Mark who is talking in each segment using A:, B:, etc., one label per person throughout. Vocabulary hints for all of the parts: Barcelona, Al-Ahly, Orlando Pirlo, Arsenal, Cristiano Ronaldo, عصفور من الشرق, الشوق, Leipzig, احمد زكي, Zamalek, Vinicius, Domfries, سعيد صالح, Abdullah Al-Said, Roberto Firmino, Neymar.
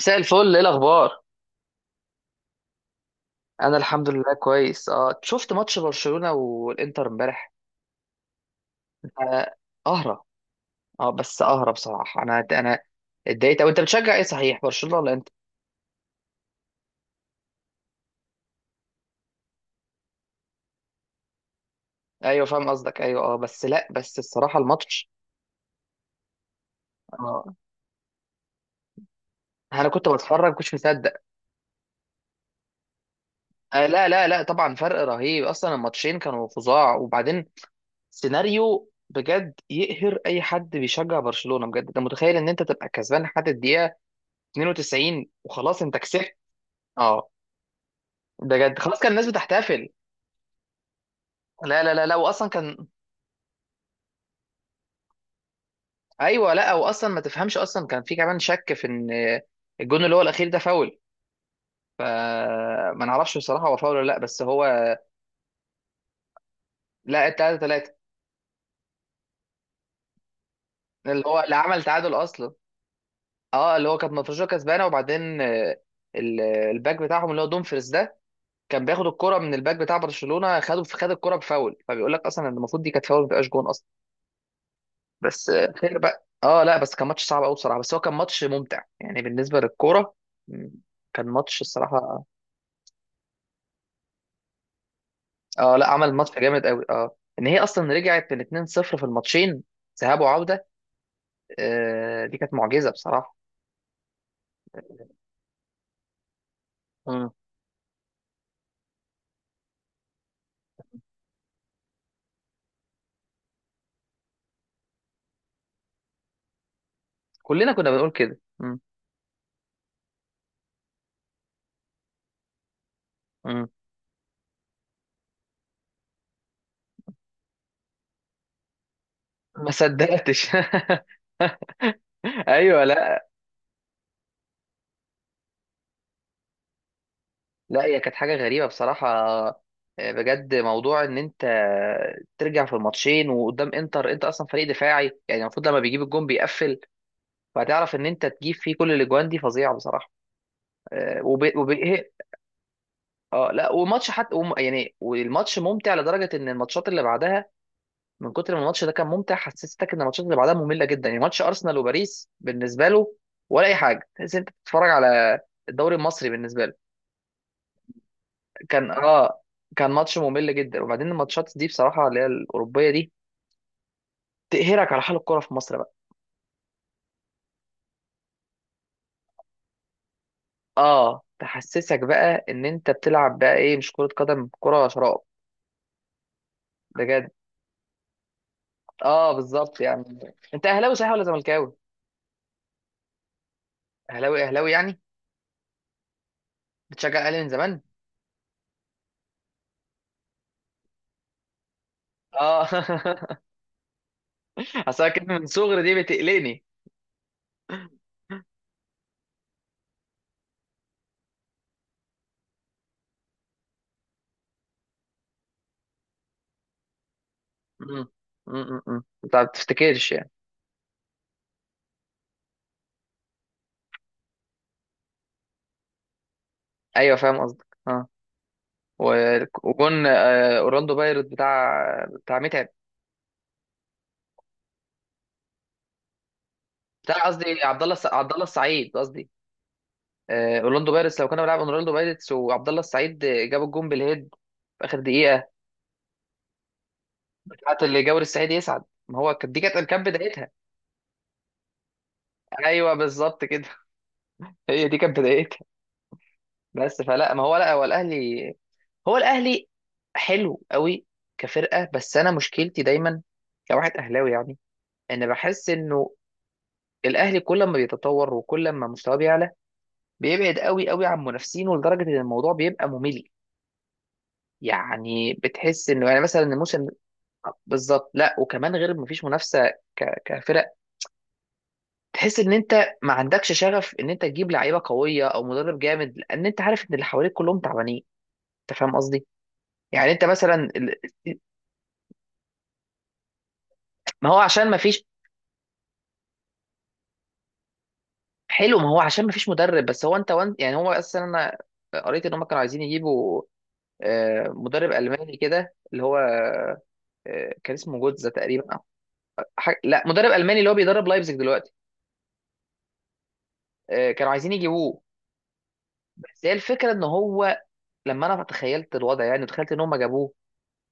A: مساء الفل، ايه الاخبار؟ انا الحمد لله كويس. اه شفت ماتش برشلونة والانتر امبارح. آه. قهرة. اه بس قهرة بصراحة. انا اتضايقت. او انت بتشجع ايه صحيح، برشلونة ولا انت؟ ايوه فاهم قصدك. ايوه اه بس لا بس الصراحة الماتش. اه انا كنت بتفرج، كنتش مصدق. آه لا لا لا، طبعا فرق رهيب اصلا، الماتشين كانوا فظاع. وبعدين سيناريو بجد يقهر اي حد بيشجع برشلونة، بجد. انت متخيل ان انت تبقى كسبان لحد الدقيقة 92 وخلاص انت كسبت. اه بجد خلاص، كان الناس بتحتفل. لا لا لا لا، واصلا كان. ايوه لا، واصلا ما تفهمش، اصلا كان في كمان شك في ان الجون اللي هو الاخير ده فاول. فما نعرفش بصراحه هو فاول ولا لا، بس هو. لا، التلاته تلاته، اللي هو اللي عمل تعادل اصلا. اه اللي هو كانت مفروشة كسبانه، وبعدين الباك بتاعهم اللي هو دومفريز ده كان بياخد الكرة من الباك بتاع برشلونة، خده خد الكرة بفاول. فبيقول لك اصلا ان المفروض دي كانت فاول، ما تبقاش جون اصلا. بس خير بقى. اه لا بس كان ماتش صعب قوي بصراحه، بس هو كان ماتش ممتع يعني بالنسبه للكوره. م، كان ماتش الصراحه. اه لا، عمل ماتش جامد قوي. اه ان هي اصلا رجعت من 2-0 في الماتشين ذهاب وعوده. آه، دي كانت معجزه بصراحه. مم. كلنا كنا بنقول كده. مم. مم. ما صدقتش. ايوه لا. لا هي كانت حاجه غريبه بصراحه. بجد موضوع ان انت ترجع في الماتشين وقدام انتر، انت اصلا فريق دفاعي يعني، المفروض لما بيجيب الجون بيقفل. فهتعرف ان انت تجيب فيه كل الاجوان دي، فظيعه بصراحه. إيه؟ اه لا وماتش حتى يعني والماتش ممتع لدرجه ان الماتشات اللي بعدها، من كتر ما الماتش ده كان ممتع حسستك ان الماتشات اللي بعدها ممله جدا. يعني ماتش ارسنال وباريس بالنسبه له ولا اي حاجه، تحس إن انت بتتفرج على الدوري المصري بالنسبه له. كان اه كان ماتش ممل جدا. وبعدين الماتشات دي بصراحه اللي هي الاوروبيه دي تقهرك على حال الكوره في مصر بقى. اه تحسسك بقى ان انت بتلعب بقى ايه، مش كره قدم، كره شراب. بجد. اه بالظبط يعني. انت اهلاوي صحيح ولا زملكاوي؟ اهلاوي اهلاوي يعني. بتشجع الاهلي من زمان. اه. اصل أنا كلمه من صغري دي بتقلقني. امم انت ما بتفتكرش يعني. ايوه فاهم قصدك. اه وجون اورلاندو بايرت بتاع بتاع متعب. بتاع قصدي، عبد الله السعيد قصدي. اورلاندو بايرتس، لو كنا بنلعب اورلاندو بايرتس وعبد الله السعيد جاب الجون بالهيد في اخر دقيقه، بتاعت اللي جاور السعيد يسعد، ما هو كانت دي كانت بدايتها. ايوه بالظبط كده. هي دي كانت بدايتها. بس فلا ما هو لا هو الاهلي، هو الاهلي حلو قوي كفرقه. بس انا مشكلتي دايما كواحد اهلاوي يعني، ان بحس انه الاهلي كل ما بيتطور وكل ما مستواه بيعلى بيبعد قوي قوي عن منافسينه لدرجه ان الموضوع بيبقى ممل. يعني بتحس انه يعني مثلا الموسم، بالظبط. لا وكمان غير ما فيش منافسه، كفرق، تحس ان انت ما عندكش شغف ان انت تجيب لعيبه قويه او مدرب جامد، لان انت عارف ان اللي حواليك كلهم تعبانين. انت فاهم قصدي؟ يعني انت مثلا، ما هو عشان ما فيش. حلو، ما هو عشان ما فيش مدرب. بس هو انت وان يعني هو اصلا انا قريت ان هم كانوا عايزين يجيبوا مدرب الماني كده اللي هو كان اسمه جوتزا تقريبا، أو حاجة. لا، مدرب الماني اللي هو بيدرب لايبزيج دلوقتي. كانوا عايزين يجيبوه. بس هي الفكره ان هو لما انا تخيلت الوضع، يعني تخيلت ان هم جابوه،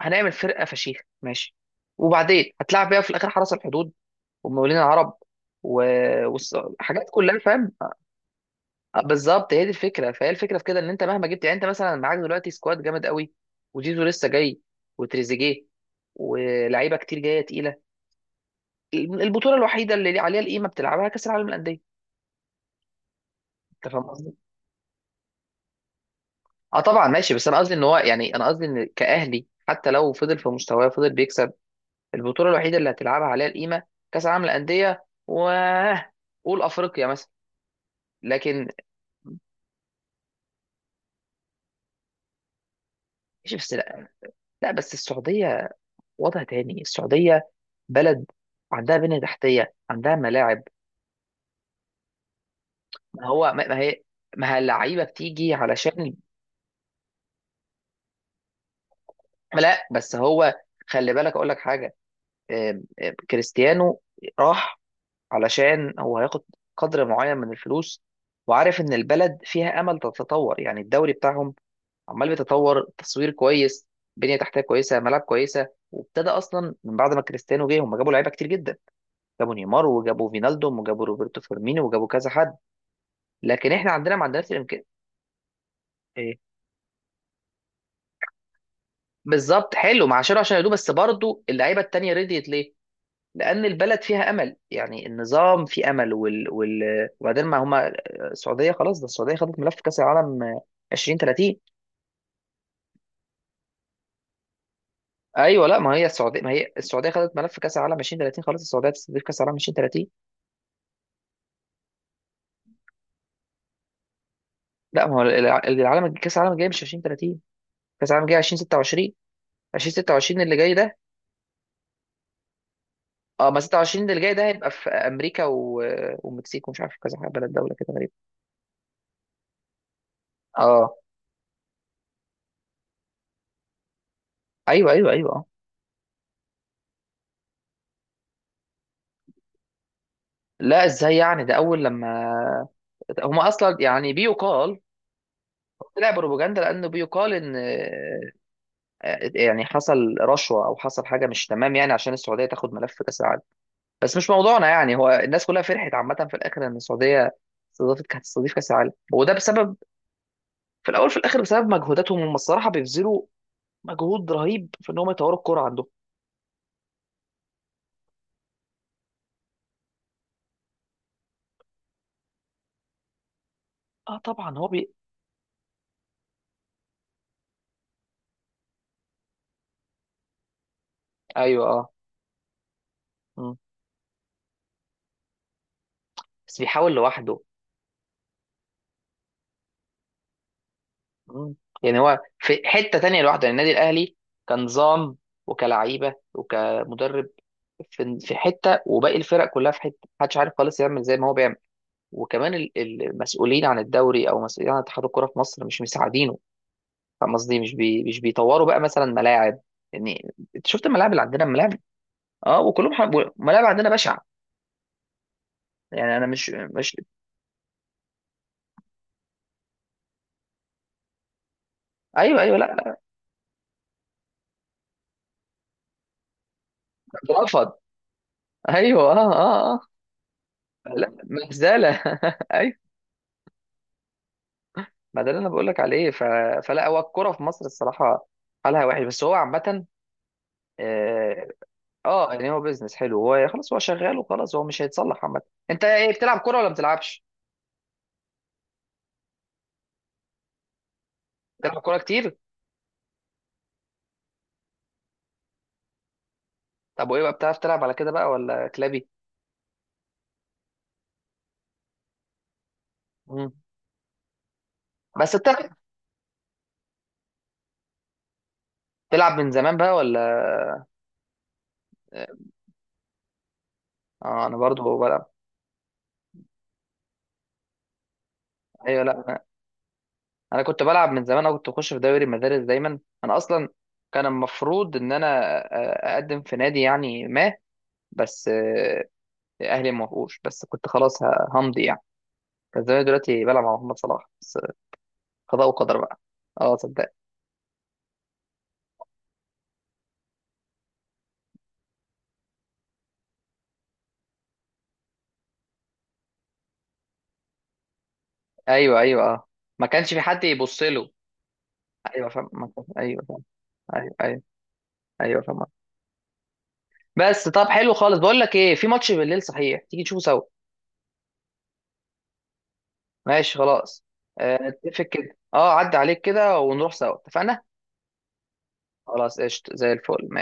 A: هنعمل فرقه فشيخ ماشي، وبعدين هتلعب بيها في الاخر حرس الحدود، ومقاولين العرب، حاجات كلها فاهم. بالظبط هي دي الفكره. فهي الفكره في كده، ان انت مهما جبت، يعني انت مثلا معاك دلوقتي سكواد جامد قوي، وجيزو لسه جاي، وتريزيجيه، ولاعيبه كتير جايه تقيله، البطوله الوحيده اللي عليها القيمه بتلعبها كاس العالم للانديه. انت فاهم قصدي؟ اه طبعا ماشي. بس انا قصدي ان هو، يعني انا قصدي ان كاهلي حتى لو فضل في مستواه فضل بيكسب، البطوله الوحيده اللي هتلعبها عليها القيمه كاس العالم للانديه و قول افريقيا مثلا. لكن، ماشي بس لا. لا بس السعوديه وضع تاني، السعوديه بلد عندها بنية تحتية، عندها ملاعب. ما هو ما هي، ما هي اللعيبة بتيجي علشان. لا بس هو، خلي بالك أقول لك حاجة. آم، آم، كريستيانو راح علشان هو هياخد قدر معين من الفلوس، وعارف إن البلد فيها أمل تتطور. يعني الدوري بتاعهم عمال بيتطور، تصوير كويس، بنية تحتية كويسة، ملاعب كويسة. وابتدى أصلا من بعد ما كريستيانو جه هم جابوا لعيبة كتير جدا، جابوا نيمار، وجابوا فينالدوم، وجابوا روبرتو فيرمينو، وجابوا كذا حد. لكن احنا عندنا ما عندناش الامكانيات. ايه، بالظبط. حلو مع شيرو عشان يدوب. بس برضو اللعيبه التانيه رضيت ليه؟ لان البلد فيها امل، يعني النظام في امل وبعدين ما هما السعوديه خلاص ده، السعوديه خدت ملف كاس العالم 2030. ايوه لا، ما هي السعوديه خدت ملف كاس العالم 2030 خلاص، السعوديه تستضيف كاس العالم 2030. لا، ما هو العالم، كاس العالم الجاي مش 2030، كاس العالم الجاي 2026. 2026 اللي جاي ده. اه ما 26 اللي جاي ده هيبقى في امريكا والمكسيك، ومش عارف كذا بلد، دوله كده غريبه. اه ايوه ايوه ايوه آه. لا ازاي يعني، ده اول لما هما اصلا يعني بيقال، طلع بروباجندا، لانه بيقال ان يعني حصل رشوه او حصل حاجه مش تمام، يعني عشان السعوديه تاخد ملف كاس العالم. بس مش موضوعنا يعني. هو الناس كلها فرحت عامه في الاخر ان السعوديه استضافت، كانت تستضيف كاس العالم، وده بسبب في الاول في الاخر بسبب مجهوداتهم هم الصراحه، بيبذلوا مجهود رهيب في ان هم يطوروا الكوره عندهم. اه طبعا هو ايوه اه. مم. بس بيحاول لوحده. مم. يعني هو في حتة تانية لوحده. يعني النادي الأهلي كنظام وكلعيبة وكمدرب في في حتة، وباقي الفرق كلها في حتة. محدش عارف خالص يعمل زي ما هو بيعمل. وكمان المسؤولين عن الدوري أو مسؤولين عن اتحاد الكورة في مصر مش مساعدينه. فاهم قصدي؟ مش بيطوروا بقى مثلا ملاعب. يعني انت شفت الملاعب اللي عندنا، الملاعب. اه ملاعب عندنا بشعة. يعني انا مش. ايوه ايوه، لا لا، بترفض، ايوه اه اه اه. لا مهزله. ما ده اللي انا بقول لك عليه. فلا هو الكوره في مصر الصراحه حالها وحش. بس هو عامه اه. يعني هو بيزنس حلو، هو خلاص هو شغال، وخلاص هو مش هيتصلح عامه. انت ايه، بتلعب كوره ولا ما بتلعبش؟ بتلعب كوره كتير. طب وايه بقى، بتعرف تلعب على كده بقى ولا كلابي؟ مم. بس انت بتلعب من زمان بقى ولا؟ اه انا برضو بلعب. ايوه لا، انا كنت بلعب من زمان، انا كنت بخش في دوري المدارس دايما. انا اصلا كان المفروض ان انا اقدم في نادي، يعني ما. بس اهلي ما وافقوش، بس كنت خلاص همضي يعني. كان زمان دلوقتي بلعب مع محمد صلاح، بس قضاء وقدر بقى. اه صدق. ايوه ايوه اه. ما كانش في حد يبص له. ايوه فاهم ما كان- ايوه فاهم. ايوه ايوه. ايوه فاهم. بس طب حلو خالص. بقول لك ايه، في ماتش بالليل صحيح، تيجي نشوفه سوا؟ ماشي خلاص. آه، نتفق كده. اه عدى عليك كده ونروح سوا، اتفقنا. خلاص قشطة زي الفل، ماشي.